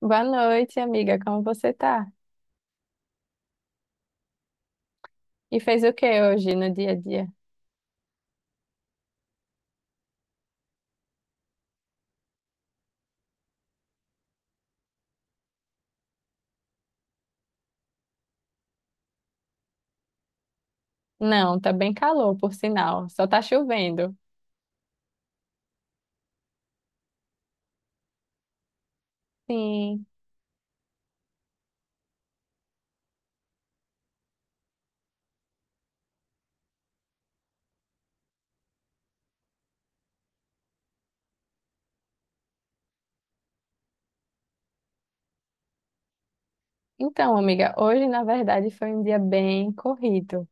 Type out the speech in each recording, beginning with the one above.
Boa noite, amiga. Como você tá? E fez o que hoje no dia a dia? Não, tá bem calor, por sinal. Só tá chovendo. Sim. Então, amiga, hoje na verdade foi um dia bem corrido.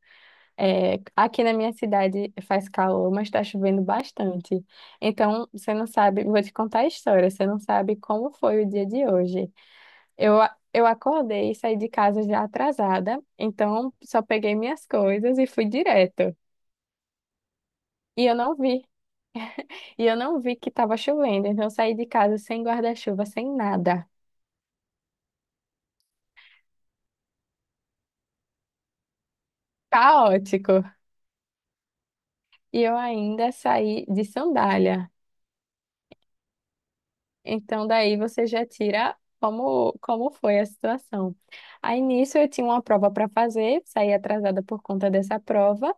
É, aqui na minha cidade faz calor, mas tá chovendo bastante. Então, você não sabe, vou te contar a história, você não sabe como foi o dia de hoje. Eu acordei e saí de casa já atrasada, então só peguei minhas coisas e fui direto. E eu não vi. E eu não vi que tava chovendo, então eu saí de casa sem guarda-chuva, sem nada. Caótico. E eu ainda saí de sandália. Então daí você já tira como foi a situação. Aí nisso eu tinha uma prova para fazer, saí atrasada por conta dessa prova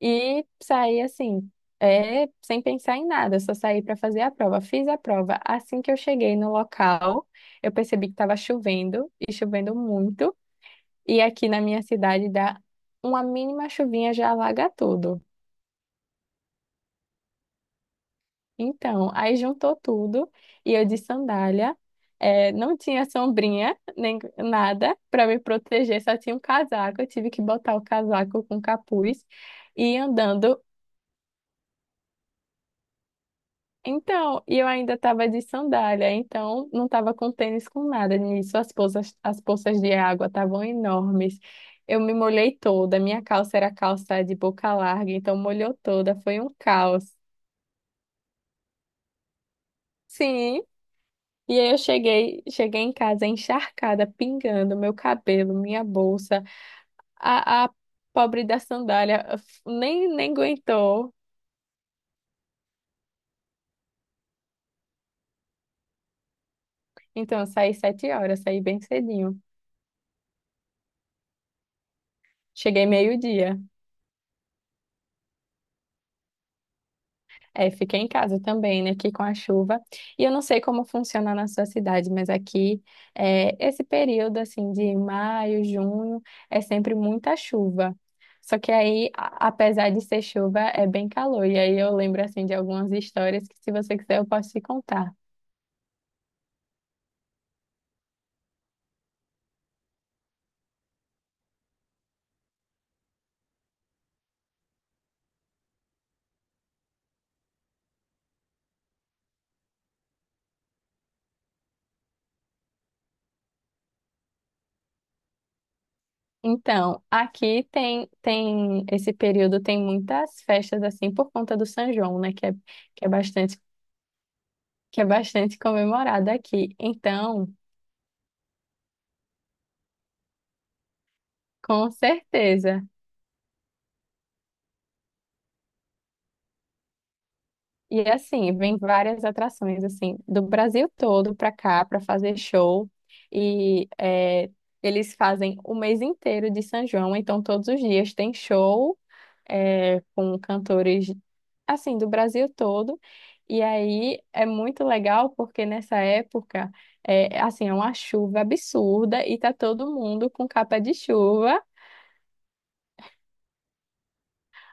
e saí assim, sem pensar em nada, eu só saí para fazer a prova. Fiz a prova. Assim que eu cheguei no local, eu percebi que estava chovendo e chovendo muito. E aqui na minha cidade dá uma mínima chuvinha já alaga tudo. Então, aí juntou tudo e eu de sandália, não tinha sombrinha nem nada para me proteger, só tinha um casaco. Eu tive que botar o casaco com capuz e ir andando. Então, e eu ainda estava de sandália, então não estava com tênis com nada. Nisso, as poças de água estavam enormes. Eu me molhei toda, minha calça era calça de boca larga, então molhou toda, foi um caos. Sim, e aí eu cheguei, em casa encharcada, pingando meu cabelo, minha bolsa, a pobre da sandália nem aguentou. Então, eu saí 7 horas, saí bem cedinho. Cheguei meio-dia. É, fiquei em casa também, né, aqui com a chuva. E eu não sei como funciona na sua cidade, mas aqui esse período assim de maio, junho é sempre muita chuva. Só que aí, apesar de ser chuva, é bem calor. E aí eu lembro assim de algumas histórias que, se você quiser, eu posso te contar. Então, aqui tem esse período tem muitas festas assim por conta do São João, né, que é bastante que é bastante comemorado aqui. Então, com certeza. E assim, vem várias atrações assim do Brasil todo para cá para fazer show e eles fazem o mês inteiro de São João, então todos os dias tem show com cantores assim do Brasil todo. E aí é muito legal porque nessa época é assim é uma chuva absurda e tá todo mundo com capa de chuva.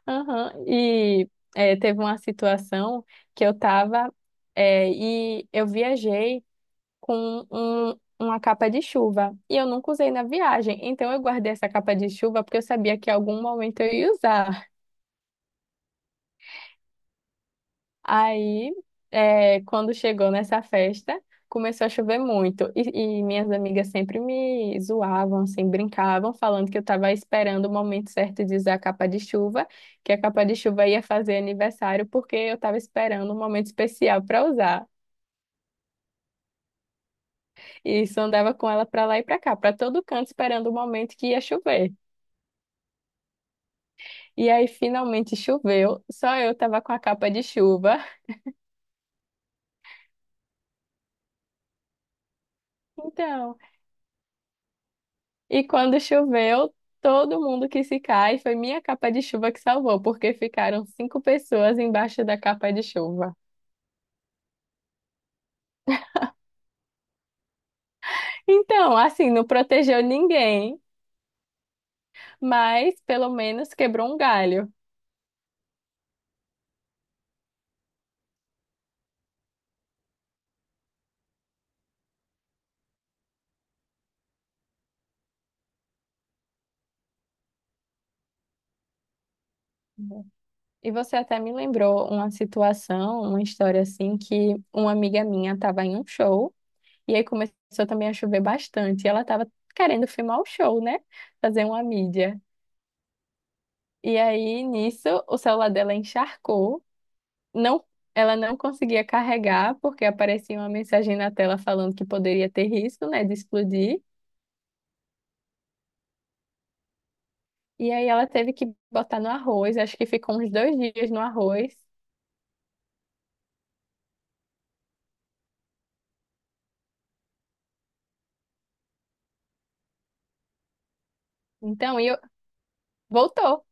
Aham. E teve uma situação que eu tava é, e eu viajei com uma capa de chuva e eu nunca usei na viagem, então eu guardei essa capa de chuva porque eu sabia que em algum momento eu ia usar. Aí, quando chegou nessa festa, começou a chover muito. E minhas amigas sempre me zoavam, assim, brincavam, falando que eu estava esperando o momento certo de usar a capa de chuva, que a capa de chuva ia fazer aniversário, porque eu estava esperando um momento especial para usar. E isso andava com ela para lá e para cá, para todo canto, esperando o momento que ia chover. E aí, finalmente choveu, só eu estava com a capa de chuva. Então. E quando choveu, todo mundo que se cai foi minha capa de chuva que salvou, porque ficaram 5 pessoas embaixo da capa de chuva. Então, assim, não protegeu ninguém, mas pelo menos quebrou um galho. E você até me lembrou uma situação, uma história assim, que uma amiga minha estava em um show e aí começou também a chover bastante. E ela estava querendo filmar o show, né? Fazer uma mídia. E aí, nisso, o celular dela encharcou. Não, ela não conseguia carregar porque aparecia uma mensagem na tela falando que poderia ter risco, né, de explodir. E aí ela teve que botar no arroz, acho que ficou uns 2 dias no arroz. Então, voltou.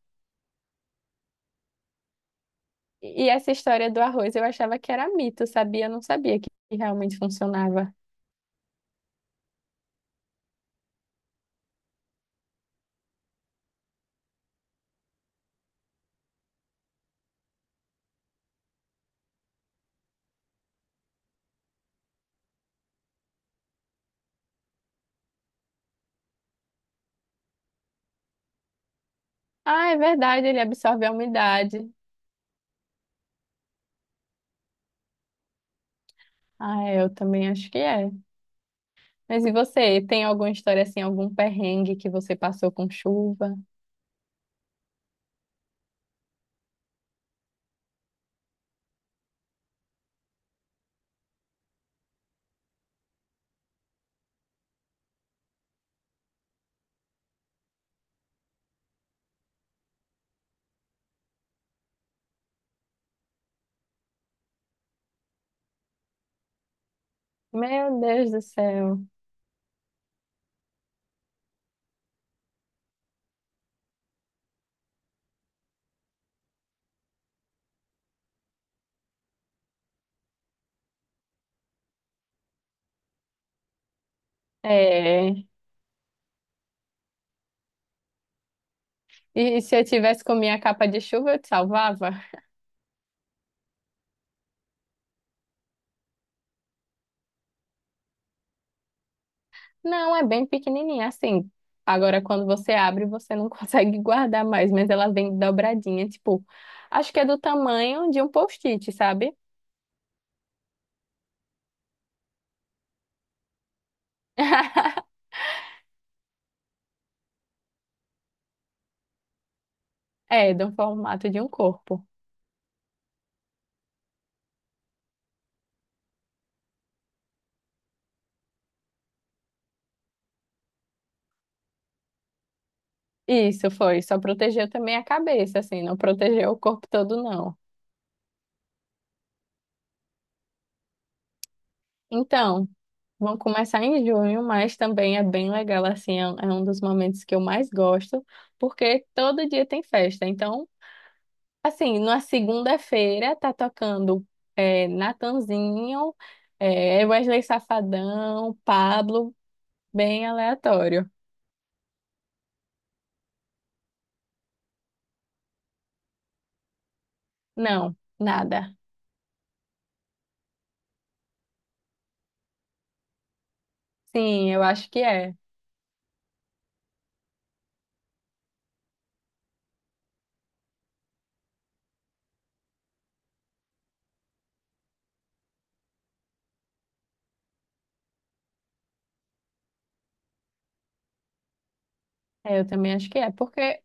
E essa história do arroz eu achava que era mito, sabia? Eu não sabia que realmente funcionava. Ah, é verdade, ele absorve a umidade. Ah, é, eu também acho que é. Mas e você, tem alguma história assim, algum perrengue que você passou com chuva? Meu Deus do céu. É. E se eu tivesse com minha capa de chuva, eu te salvava? Não, é bem pequenininha, assim. Agora, quando você abre, você não consegue guardar mais, mas ela vem dobradinha, tipo, acho que é do tamanho de um post-it, sabe? É, do formato de um corpo. Isso foi, só protegeu também a cabeça, assim, não protegeu o corpo todo, não. Então, vão começar em junho, mas também é bem legal, assim, é um dos momentos que eu mais gosto, porque todo dia tem festa. Então, assim, na segunda-feira tá tocando Natanzinho, Wesley Safadão, Pablo, bem aleatório. Não, nada. Sim, eu acho que é. É, eu também acho que é, porque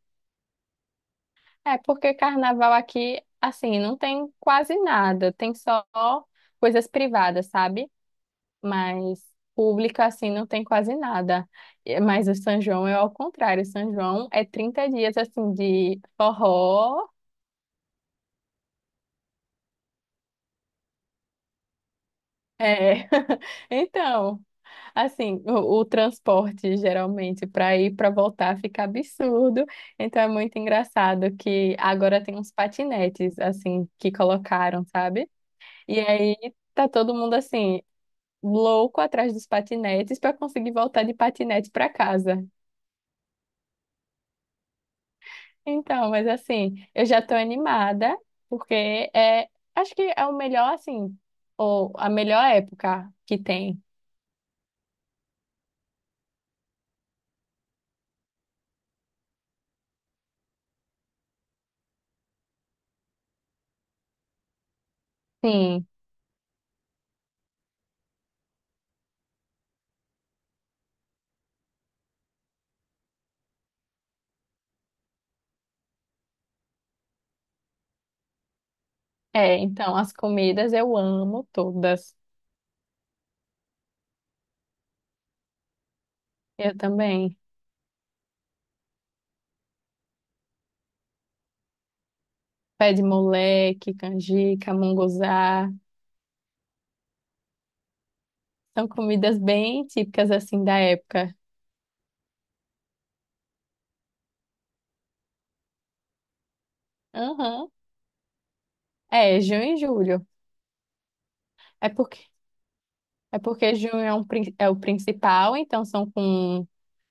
é porque carnaval aqui, assim, não tem quase nada, tem só coisas privadas, sabe? Mas público assim não tem quase nada. E- Mas o São João é ao contrário, o São João é 30 dias assim de forró. É, então, assim, o transporte geralmente para ir para voltar fica absurdo. Então é muito engraçado que agora tem uns patinetes assim que colocaram, sabe? E aí tá todo mundo assim louco atrás dos patinetes para conseguir voltar de patinete para casa. Então, mas assim, eu já tô animada porque é, acho que é o melhor assim, ou a melhor época que tem. Sim. É, então as comidas eu amo todas. Eu também. Pé de moleque, canjica, munguzá. São comidas bem típicas assim da época. Aham. É, junho e julho. É porque é porque junho é o principal, então são com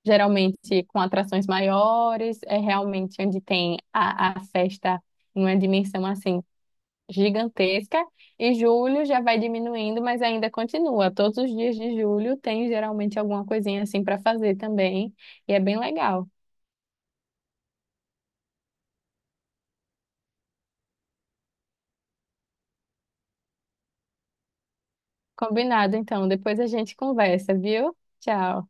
geralmente com atrações maiores, é realmente onde tem a festa em uma dimensão assim gigantesca e julho já vai diminuindo, mas ainda continua. Todos os dias de julho tem geralmente alguma coisinha assim para fazer também e é bem legal. Combinado, então. Depois a gente conversa, viu? Tchau.